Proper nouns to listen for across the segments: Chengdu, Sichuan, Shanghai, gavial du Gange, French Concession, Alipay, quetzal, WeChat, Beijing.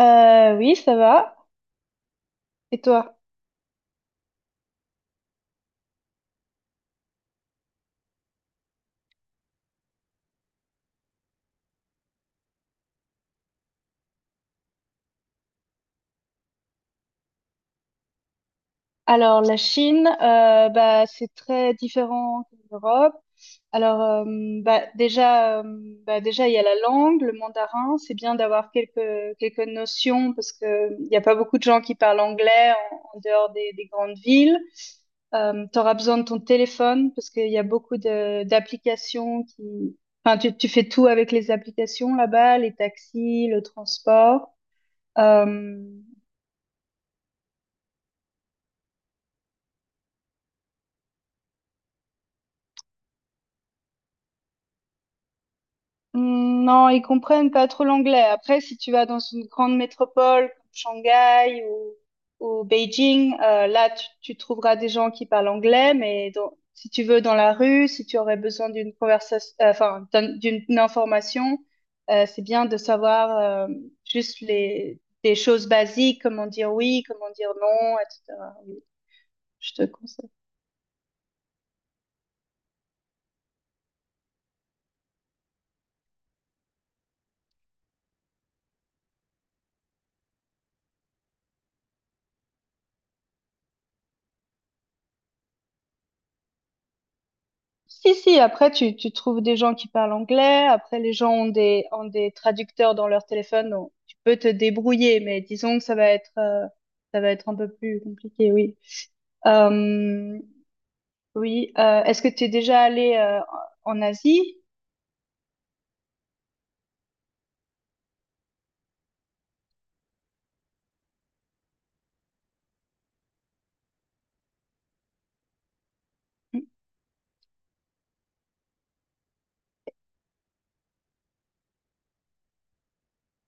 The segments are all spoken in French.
Oui, ça va. Et toi? Alors, la Chine, bah, c'est très différent que l'Europe. Alors, bah, déjà, euh, bah, déjà, il y a la langue, le mandarin. C'est bien d'avoir quelques notions parce que il n'y a pas beaucoup de gens qui parlent anglais en dehors des grandes villes. Tu auras besoin de ton téléphone parce qu'il y a beaucoup d'applications qui... Enfin, tu fais tout avec les applications là-bas, les taxis, le transport. Euh, Hmm, non, ils comprennent pas trop l'anglais. Après, si tu vas dans une grande métropole comme Shanghai ou Beijing, là, tu trouveras des gens qui parlent anglais, mais si tu veux dans la rue, si tu aurais besoin d'une conversation, enfin, d'une information, c'est bien de savoir euh, juste des choses basiques, comment dire oui, comment dire non, etc. Oui, je te conseille. Si, après, tu trouves des gens qui parlent anglais, après, les gens ont des traducteurs dans leur téléphone, donc tu peux te débrouiller, mais disons que ça va être un peu plus compliqué, oui. Euh, oui, est-ce que tu es déjà allé en Asie?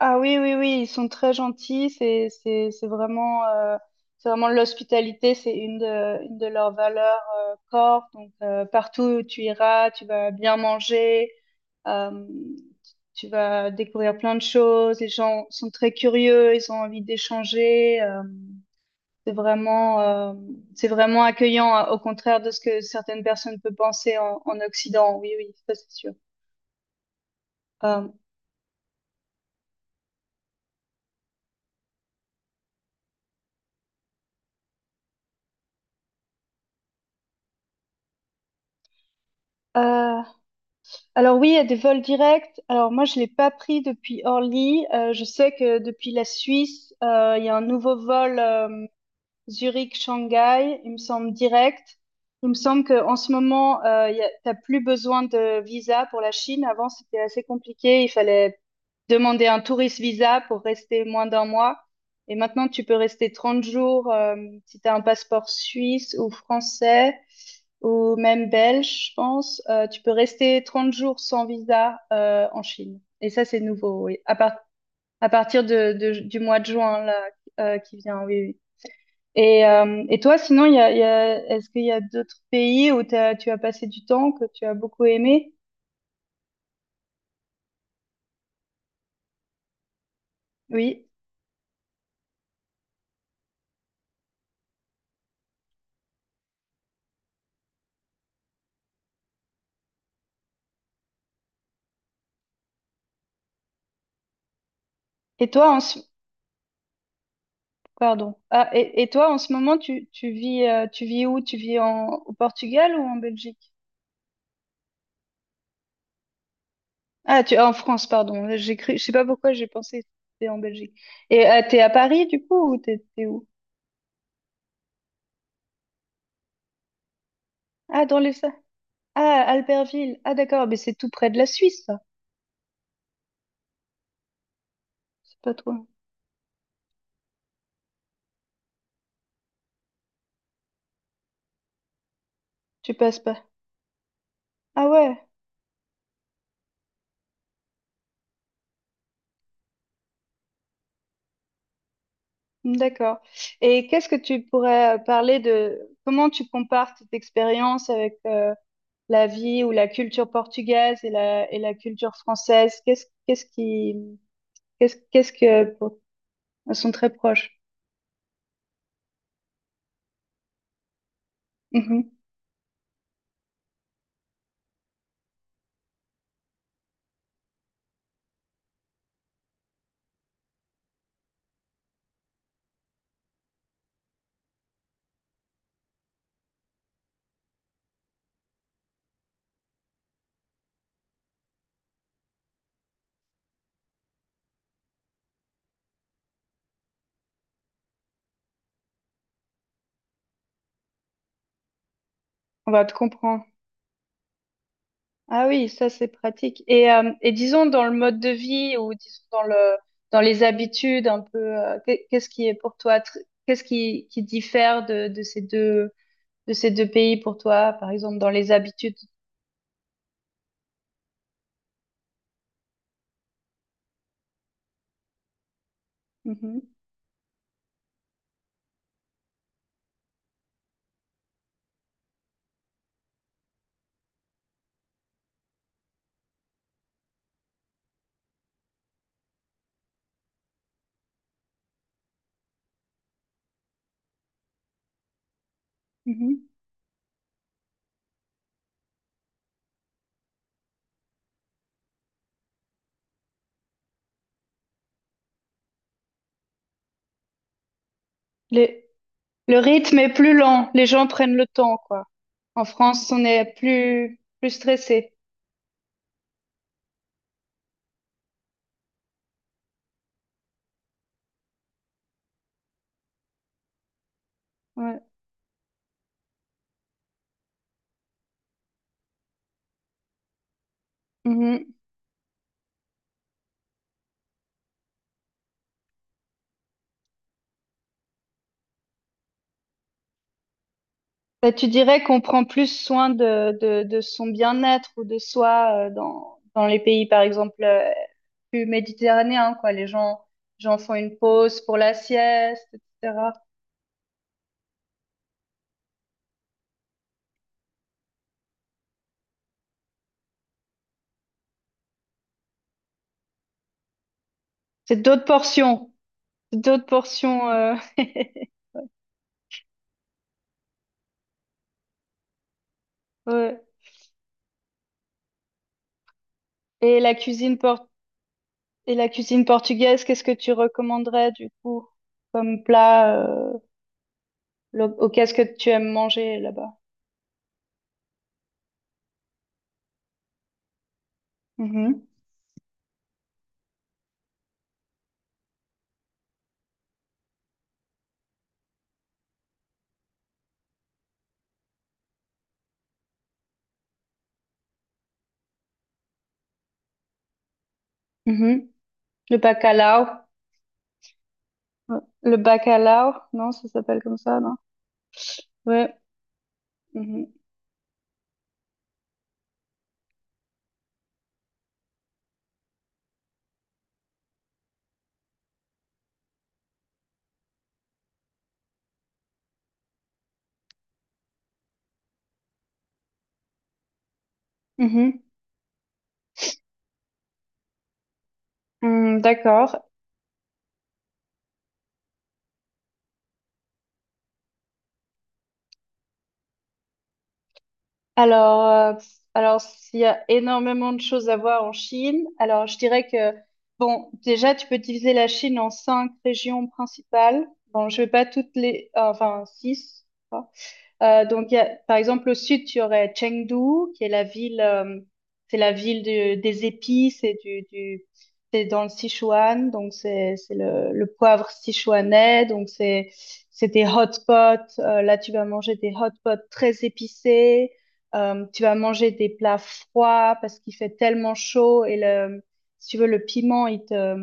Ah oui, oui, oui, ils sont très gentils, c'est vraiment l'hospitalité, c'est une de leurs valeurs, corps, donc, partout où tu iras, tu vas bien manger. Euh, Tu vas découvrir plein de choses. Les gens sont très curieux, ils ont envie d'échanger. C'est vraiment, euh, c'est vraiment accueillant, hein, au contraire de ce que certaines personnes peuvent penser en Occident. Oui, oui, ça c'est sûr. Euh, euh, alors oui, il y a des vols directs. Alors moi, je l'ai pas pris depuis Orly. Je sais que depuis la Suisse, il y a un nouveau vol. Zurich, Shanghai, il me semble direct. Il me semble qu'en ce moment, t'as plus besoin de visa pour la Chine. Avant, c'était assez compliqué. Il fallait demander un tourist visa pour rester moins d'un mois. Et maintenant, tu peux rester 30 jours si tu as un passeport suisse ou français ou même belge, je pense. Tu peux rester 30 jours sans visa en Chine. Et ça, c'est nouveau, oui. À partir du mois de juin là, qui vient, oui. Oui. Et toi, sinon, est-ce qu'il y a d'autres pays où tu as passé du temps, que tu as beaucoup aimé? Oui. Et toi, en ce... Pardon. Ah, et toi, en ce moment, tu vis où? Tu vis au Portugal ou en Belgique? Ah, en France, pardon. J'ai cru, je sais pas pourquoi j'ai pensé que c'était en Belgique. Et t'es à Paris, du coup, ou t'es où? Ah, dans les... Ah, Albertville. Ah, d'accord, mais c'est tout près de la Suisse, ça. C'est pas toi. Tu passes pas. Ah ouais. D'accord. Et qu'est-ce que tu pourrais parler de comment tu compares cette expérience avec la vie ou la culture portugaise et et la culture française? Qu'est-ce, qu'est-ce qui, qu'est-ce, qu'est-ce que pour- Elles sont très proches. Mhm. On va te comprendre. Ah oui, ça c'est pratique. Et disons dans le mode de vie ou disons dans les habitudes un peu, qu'est-ce qui est pour toi, qui diffère de ces deux pays pour toi, par exemple dans les habitudes? Mhm. Mhm. Le, le rythme est plus lent, les gens prennent le temps, quoi. En France, on est plus stressé. Ouais. Mhm. Bah, tu dirais qu'on prend plus soin de son bien-être ou de soi dans les pays, par exemple, plus méditerranéens, quoi. Les gens font une pause pour la sieste, etc. C'est d'autres portions, c'est d'autres portions. Ouais. Et la cuisine por- et la cuisine portugaise, qu'est-ce que tu recommanderais du coup comme plat? Oh, qu'est-ce que tu aimes manger là-bas? Mhm. Mhm. Le bacalao. Ouais. Le bacalao, non, ça s'appelle comme ça, non? Ouais. Mhm. Mhm. D'accord. Alors, euh, alors, s'il y a énormément de choses à voir en Chine, alors je dirais que, bon, déjà, tu peux diviser la Chine en cinq régions principales. Bon, je vais pas toutes enfin, six. Donc, par exemple, au sud, tu aurais Chengdu, qui est la ville, c'est la ville du- des épices et c'est dans le Sichuan, donc c'est le poivre sichuanais, donc c'est des hot pots. Là, tu vas manger des hot pots très épicés. Tu vas manger des plats froids parce qu'il fait tellement chaud et si tu veux, le piment,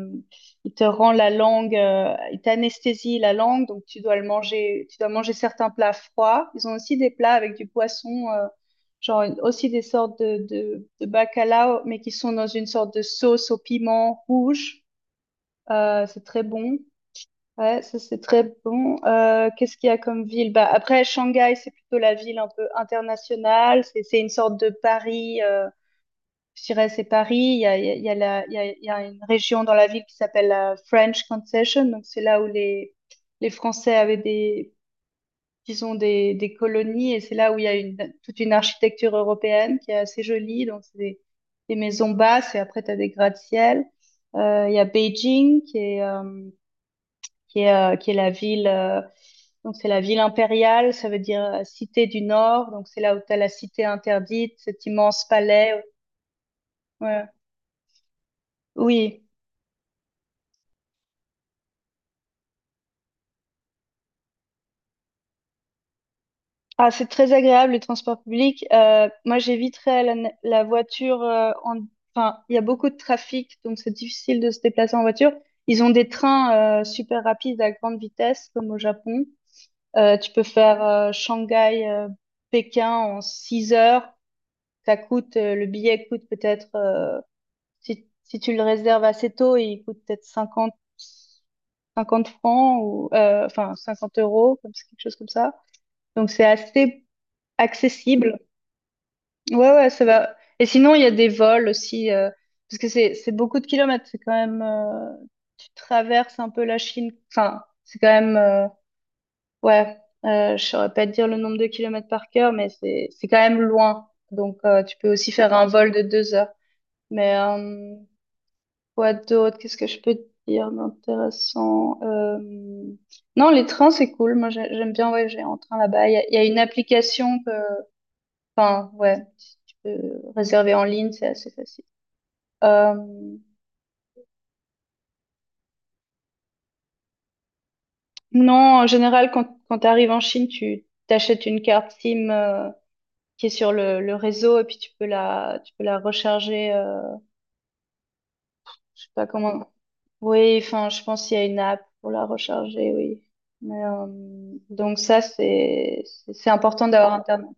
il te rend la langue, il t'anesthésie la langue, donc tu dois le manger, tu dois manger certains plats froids. Ils ont aussi des plats avec du poisson, aussi des sortes de bacalao, mais qui sont dans une sorte de sauce au piment rouge. C'est très bon. Ouais, ça c'est très bon. Qu'est-ce qu'il y a comme ville? Bah, après, Shanghai, c'est plutôt la ville un peu internationale. C'est une sorte de Paris. Shiraz et Paris, il y a, il y a- il y a la- il y a une région dans la ville qui s'appelle la French Concession. Donc, c'est là où les Français avaient disons, des colonies. Et c'est là où il y a toute une architecture européenne qui est assez jolie. Donc, c'est des maisons basses et après, tu as des gratte-ciel. Il y a Beijing qui est la ville. Donc, c'est la ville impériale, ça veut dire cité du Nord. Donc, c'est là où tu as la cité interdite, cet immense palais. Ouais. Oui. Ah, c'est très agréable les transports publics. Moi, j'éviterais la voiture. En... Enfin, il y a beaucoup de trafic, donc c'est difficile de se déplacer en voiture. Ils ont des trains super rapides à grande vitesse, comme au Japon. Tu peux faire Shanghai, Pékin en 6 heures. Le billet coûte peut-être, si tu le réserves assez tôt, il coûte peut-être 50 francs ou enfin 50 euros, quelque chose comme ça. Donc c'est assez accessible. Ouais, ouais, ça va. Et sinon, il y a des vols aussi, parce que c'est beaucoup de kilomètres. C'est quand même, tu traverses un peu la Chine. Enfin, c'est quand même, ouais, je saurais pas te dire le nombre de kilomètres par cœur, mais c'est quand même loin. Donc, tu peux aussi faire un vol de 2 heures. Mais quoi d'autre? Qu'est-ce que je peux te dire d'intéressant? Non, les trains, c'est cool. Moi, j'aime bien voyager en train là-bas. Il y a une application que... Enfin, ouais, si tu peux réserver en ligne, c'est assez facile. Euh, non, en général, quand tu arrives en Chine, tu t'achètes une carte SIM qui est sur le réseau et puis tu peux tu peux la recharger. Je sais pas comment. Oui, enfin, je pense qu'il y a une app pour la recharger, oui. Mais, euh, donc ça, c'est important d'avoir Internet.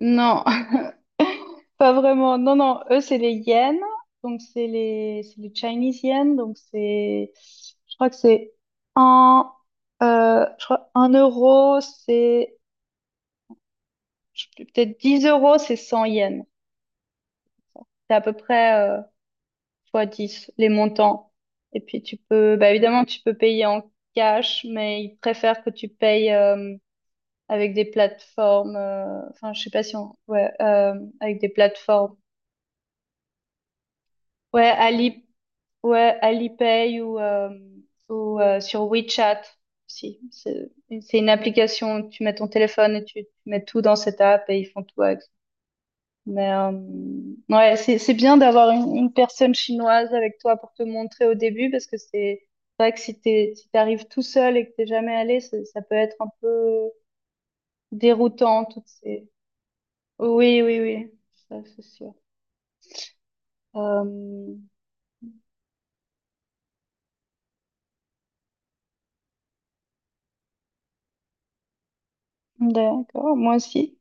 Non, pas vraiment. Non, non, eux, c'est les yens. Donc, c'est les Chinese yens. Donc, je crois que un, je crois 1 euro, c'est, je sais plus, peut-être 10 euros, c'est 100 yens. C'est à peu près, fois 10, les montants. Et puis, bah, évidemment, tu peux payer en cash, mais ils préfèrent que tu payes, avec des plateformes, enfin, je sais pas si on, ouais, avec des plateformes. Ouais, Ali Ouais, Alipay ou sur WeChat aussi. C'est une application où tu mets ton téléphone et tu mets tout dans cette app et ils font tout avec. Mais ouais, c'est bien d'avoir une personne chinoise avec toi pour te montrer au début parce que c'est vrai que si t'arrives tout seul et que t'es jamais allé, ça peut être un peu déroutant toutes ces... Oui, oui, oui, ça c'est sûr. Euh, d'accord, moi aussi.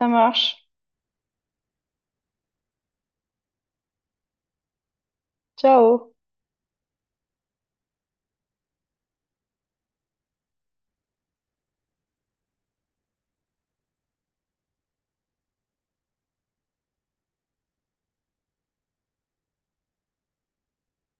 Ça marche. Ciao.